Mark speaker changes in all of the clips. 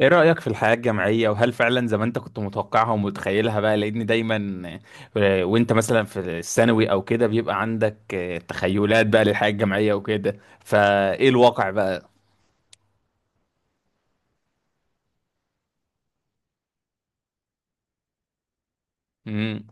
Speaker 1: ايه رأيك في الحياة الجامعية؟ وهل فعلا زي ما انت كنت متوقعها ومتخيلها بقى؟ لان دايما، وانت مثلا في الثانوي او كده بيبقى عندك تخيلات بقى للحياة الجامعية وكده، فايه الواقع بقى؟ امم.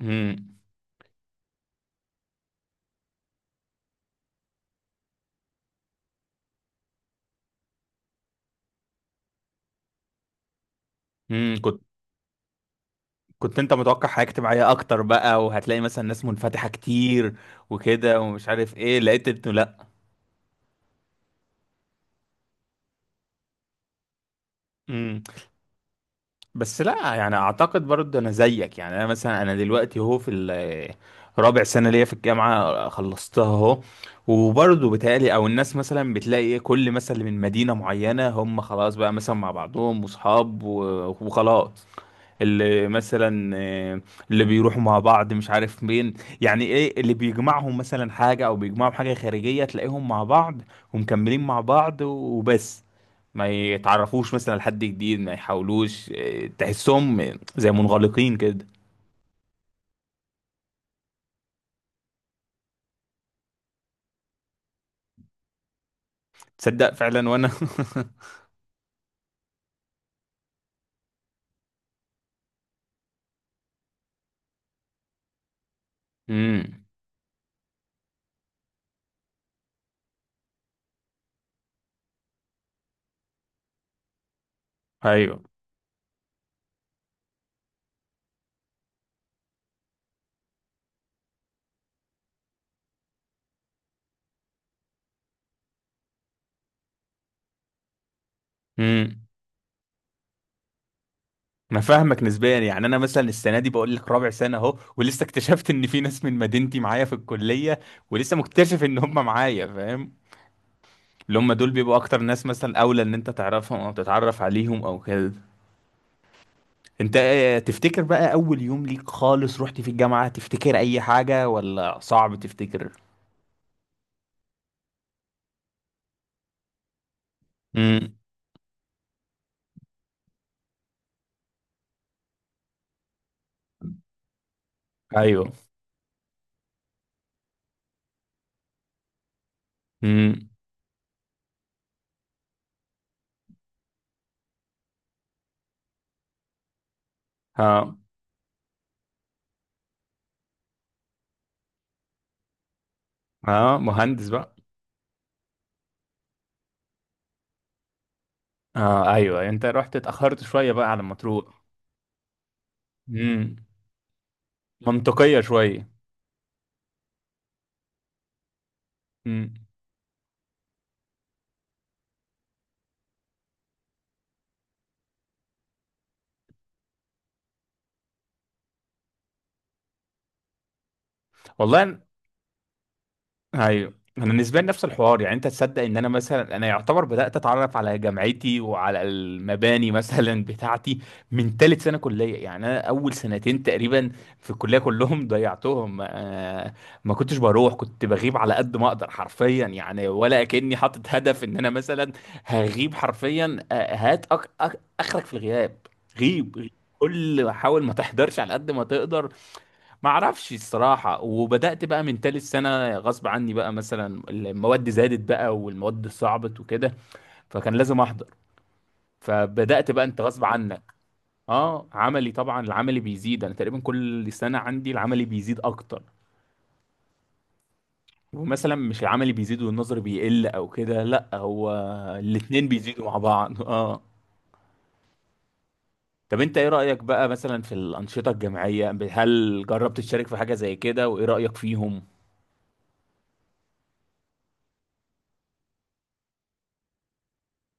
Speaker 1: امم. امم. كنت انت متوقع حياة اجتماعية اكتر بقى، وهتلاقي مثلا ناس منفتحة كتير وكده؟ ومش عارف ايه، لقيت انه لا. بس لا يعني، اعتقد برضه انا زيك. يعني انا مثلا، انا دلوقتي اهو في رابع سنه ليا في الجامعه، خلصتها اهو. وبرضه بتهيألي، او الناس مثلا بتلاقي ايه، كل مثلا من مدينه معينه هم خلاص بقى مثلا مع بعضهم واصحاب و- وخلاص. اللي مثلا، اللي بيروحوا مع بعض مش عارف مين. يعني ايه اللي بيجمعهم؟ مثلا حاجة او بيجمعهم حاجة خارجية، تلاقيهم مع بعض ومكملين مع بعض وبس. ما يتعرفوش مثلا لحد جديد، ما يحاولوش، تحسهم زي منغلقين كده. تصدق فعلا، وانا امم. ايوه. امم. انا فاهمك نسبيا. يعني انا مثلا السنه دي، بقول لك رابع سنه اهو، ولسه اكتشفت ان في ناس من مدينتي معايا في الكليه، ولسه مكتشف ان هم معايا، فاهم؟ اللي هم دول بيبقوا اكتر ناس مثلا اولى ان انت تعرفهم، او تتعرف عليهم او كده. انت تفتكر بقى اول يوم ليك خالص رحت في الجامعة؟ تفتكر اي حاجة ولا صعب تفتكر؟ امم. ايوه. امم. ها. ها، مهندس بقى. اه ايوه، انت رحت اتاخرت شويه بقى على ما تروح. امم، منطقيه شويه. امم. والله. ايوه. انا بالنسبه لي نفس الحوار. يعني انت تصدق ان انا مثلا، انا يعتبر بدات اتعرف على جامعتي وعلى المباني مثلا بتاعتي من ثالث سنه كليه؟ يعني انا اول سنتين تقريبا في الكليه كلهم ضيعتهم. ما كنتش بروح، كنت بغيب على قد ما اقدر حرفيا، يعني ولا كاني حاطط هدف ان انا مثلا هغيب حرفيا. هات اخرك في الغياب. غيب غيب. كل، حاول ما تحضرش على قد ما تقدر. ما اعرفش الصراحة، وبدأت بقى من تالت سنة غصب عني، بقى مثلا المواد زادت بقى والمواد صعبت وكده، فكان لازم احضر. فبدأت بقى انت غصب عنك. اه عملي طبعا، العملي بيزيد. انا تقريبا كل سنة عندي العملي بيزيد اكتر. ومثلا مش العملي بيزيد والنظري بيقل او كده، لا، هو الاتنين بيزيدوا مع بعض. اه. طب انت ايه رأيك بقى مثلا في الأنشطة الجامعية؟ هل جربت تشارك في حاجة زي كده؟ وايه رأيك فيهم؟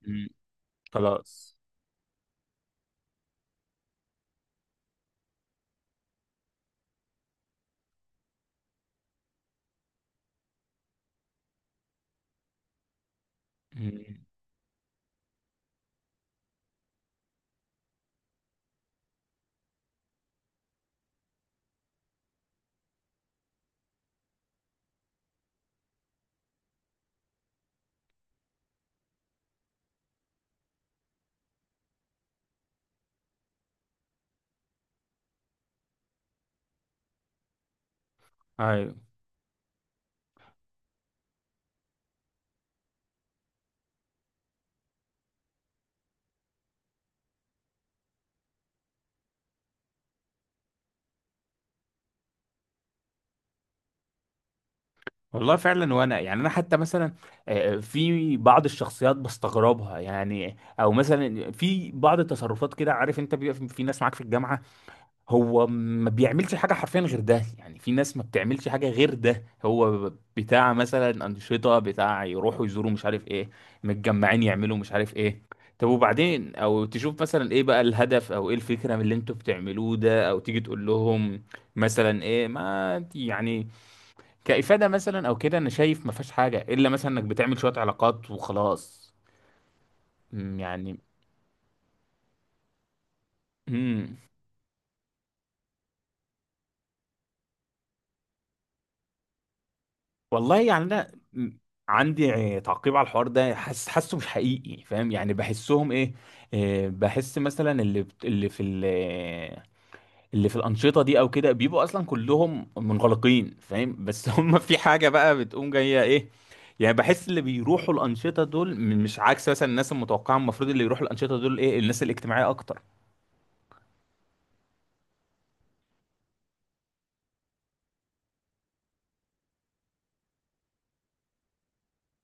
Speaker 1: مم. خلاص. مم. ايوه. والله فعلا. وانا يعني انا حتى مثلا، في بعض الشخصيات بستغربها، يعني او مثلا في بعض التصرفات كده. عارف انت بيبقى في ناس معاك في الجامعه، هو ما بيعملش حاجه حرفيا غير ده. يعني في ناس ما بتعملش حاجه غير ده، هو بتاع مثلا انشطه بتاع، يروحوا يزوروا مش عارف ايه، متجمعين يعملوا مش عارف ايه. طب وبعدين؟ او تشوف مثلا ايه بقى الهدف، او ايه الفكره من اللي انتوا بتعملوه ده؟ او تيجي تقول لهم مثلا ايه ما يعني كإفادة، مثلا او كده. انا شايف ما فيهاش حاجة، الا مثلا انك بتعمل شوية علاقات وخلاص. يعني. امم. والله يعني انا، عندي تعقيب على الحوار ده. حاسه مش حقيقي، فاهم؟ يعني بحسهم ايه، بحس مثلا اللي في اللي في الأنشطة دي او كده، بيبقوا اصلا كلهم منغلقين فاهم، بس هم في حاجة بقى بتقوم جاية ايه. يعني بحس اللي بيروحوا الأنشطة دول مش عكس مثلا الناس المتوقعة. المفروض اللي يروحوا الأنشطة دول ايه الناس الاجتماعية اكتر.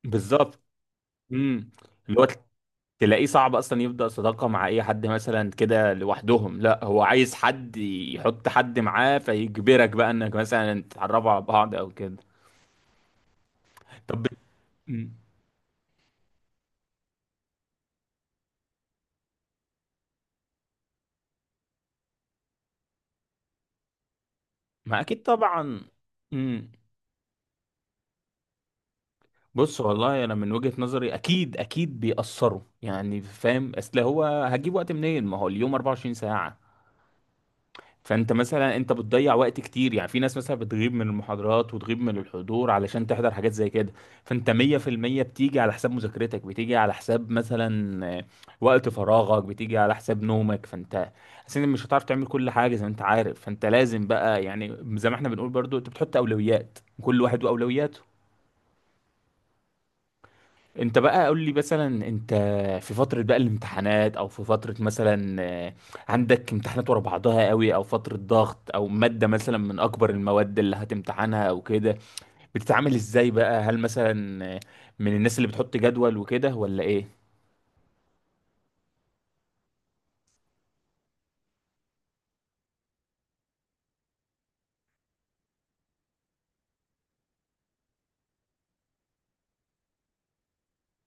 Speaker 1: بالظبط. امم. اللي هو تلاقيه صعب اصلا يبدأ صداقة مع اي حد مثلا كده لوحدهم. لا، هو عايز حد يحط حد معاه، فيجبرك بقى انك مثلا تتعرفوا على بعض او كده. طب مم. ما اكيد طبعا. امم. بص والله انا من وجهة نظري اكيد اكيد بيأثروا، يعني فاهم؟ اصل هو هجيب وقت منين؟ ما هو اليوم 24 ساعة. فانت مثلا، انت بتضيع وقت كتير. يعني في ناس مثلا بتغيب من المحاضرات وتغيب من الحضور علشان تحضر حاجات زي كده. فانت 100% بتيجي على حساب مذاكرتك، بتيجي على حساب مثلا وقت فراغك، بتيجي على حساب نومك. فانت اصلا مش هتعرف تعمل كل حاجة زي ما انت عارف، فانت لازم بقى، يعني زي ما احنا بنقول برضو، انت بتحط اولويات، كل واحد واولوياته. انت بقى قول لي مثلا، انت في فترة بقى الامتحانات، او في فترة مثلا عندك امتحانات ورا بعضها قوي، او فترة ضغط، او مادة مثلا من اكبر المواد اللي هتمتحنها او كده، بتتعامل ازاي بقى؟ هل مثلا من الناس اللي بتحط جدول وكده ولا ايه؟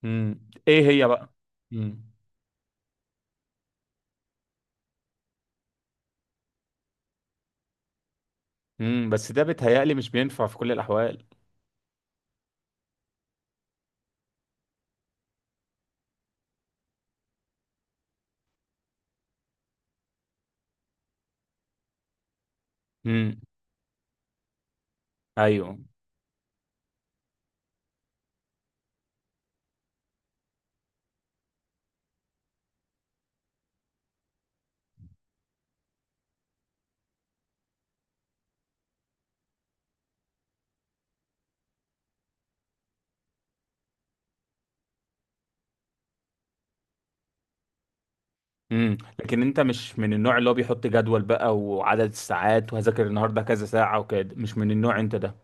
Speaker 1: امم. ايه هي بقى؟ امم. امم. بس ده بيتهيألي مش بينفع في كل الاحوال. امم. ايوه. امم. لكن انت مش من النوع اللي هو بيحط جدول بقى وعدد الساعات، وهذاكر النهارده كذا ساعة وكده، مش من النوع انت ده.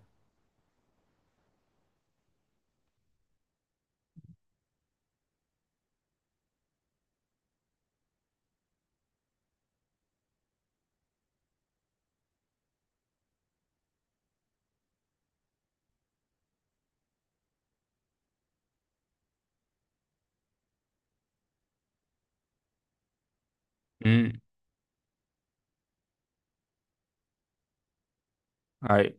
Speaker 1: امم. ايوه.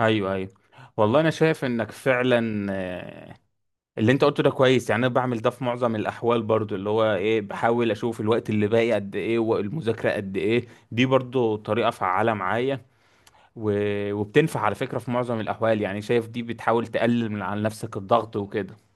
Speaker 1: ايوه. ايوه. والله انا شايف انك فعلا، اللي انت قلته ده كويس. يعني انا بعمل ده في معظم الاحوال برضو، اللي هو ايه، بحاول اشوف الوقت اللي باقي قد ايه والمذاكره قد ايه، دي برضو طريقه فعاله معايا. و... وبتنفع على فكره في معظم الاحوال. يعني شايف دي بتحاول تقلل من على نفسك الضغط وكده.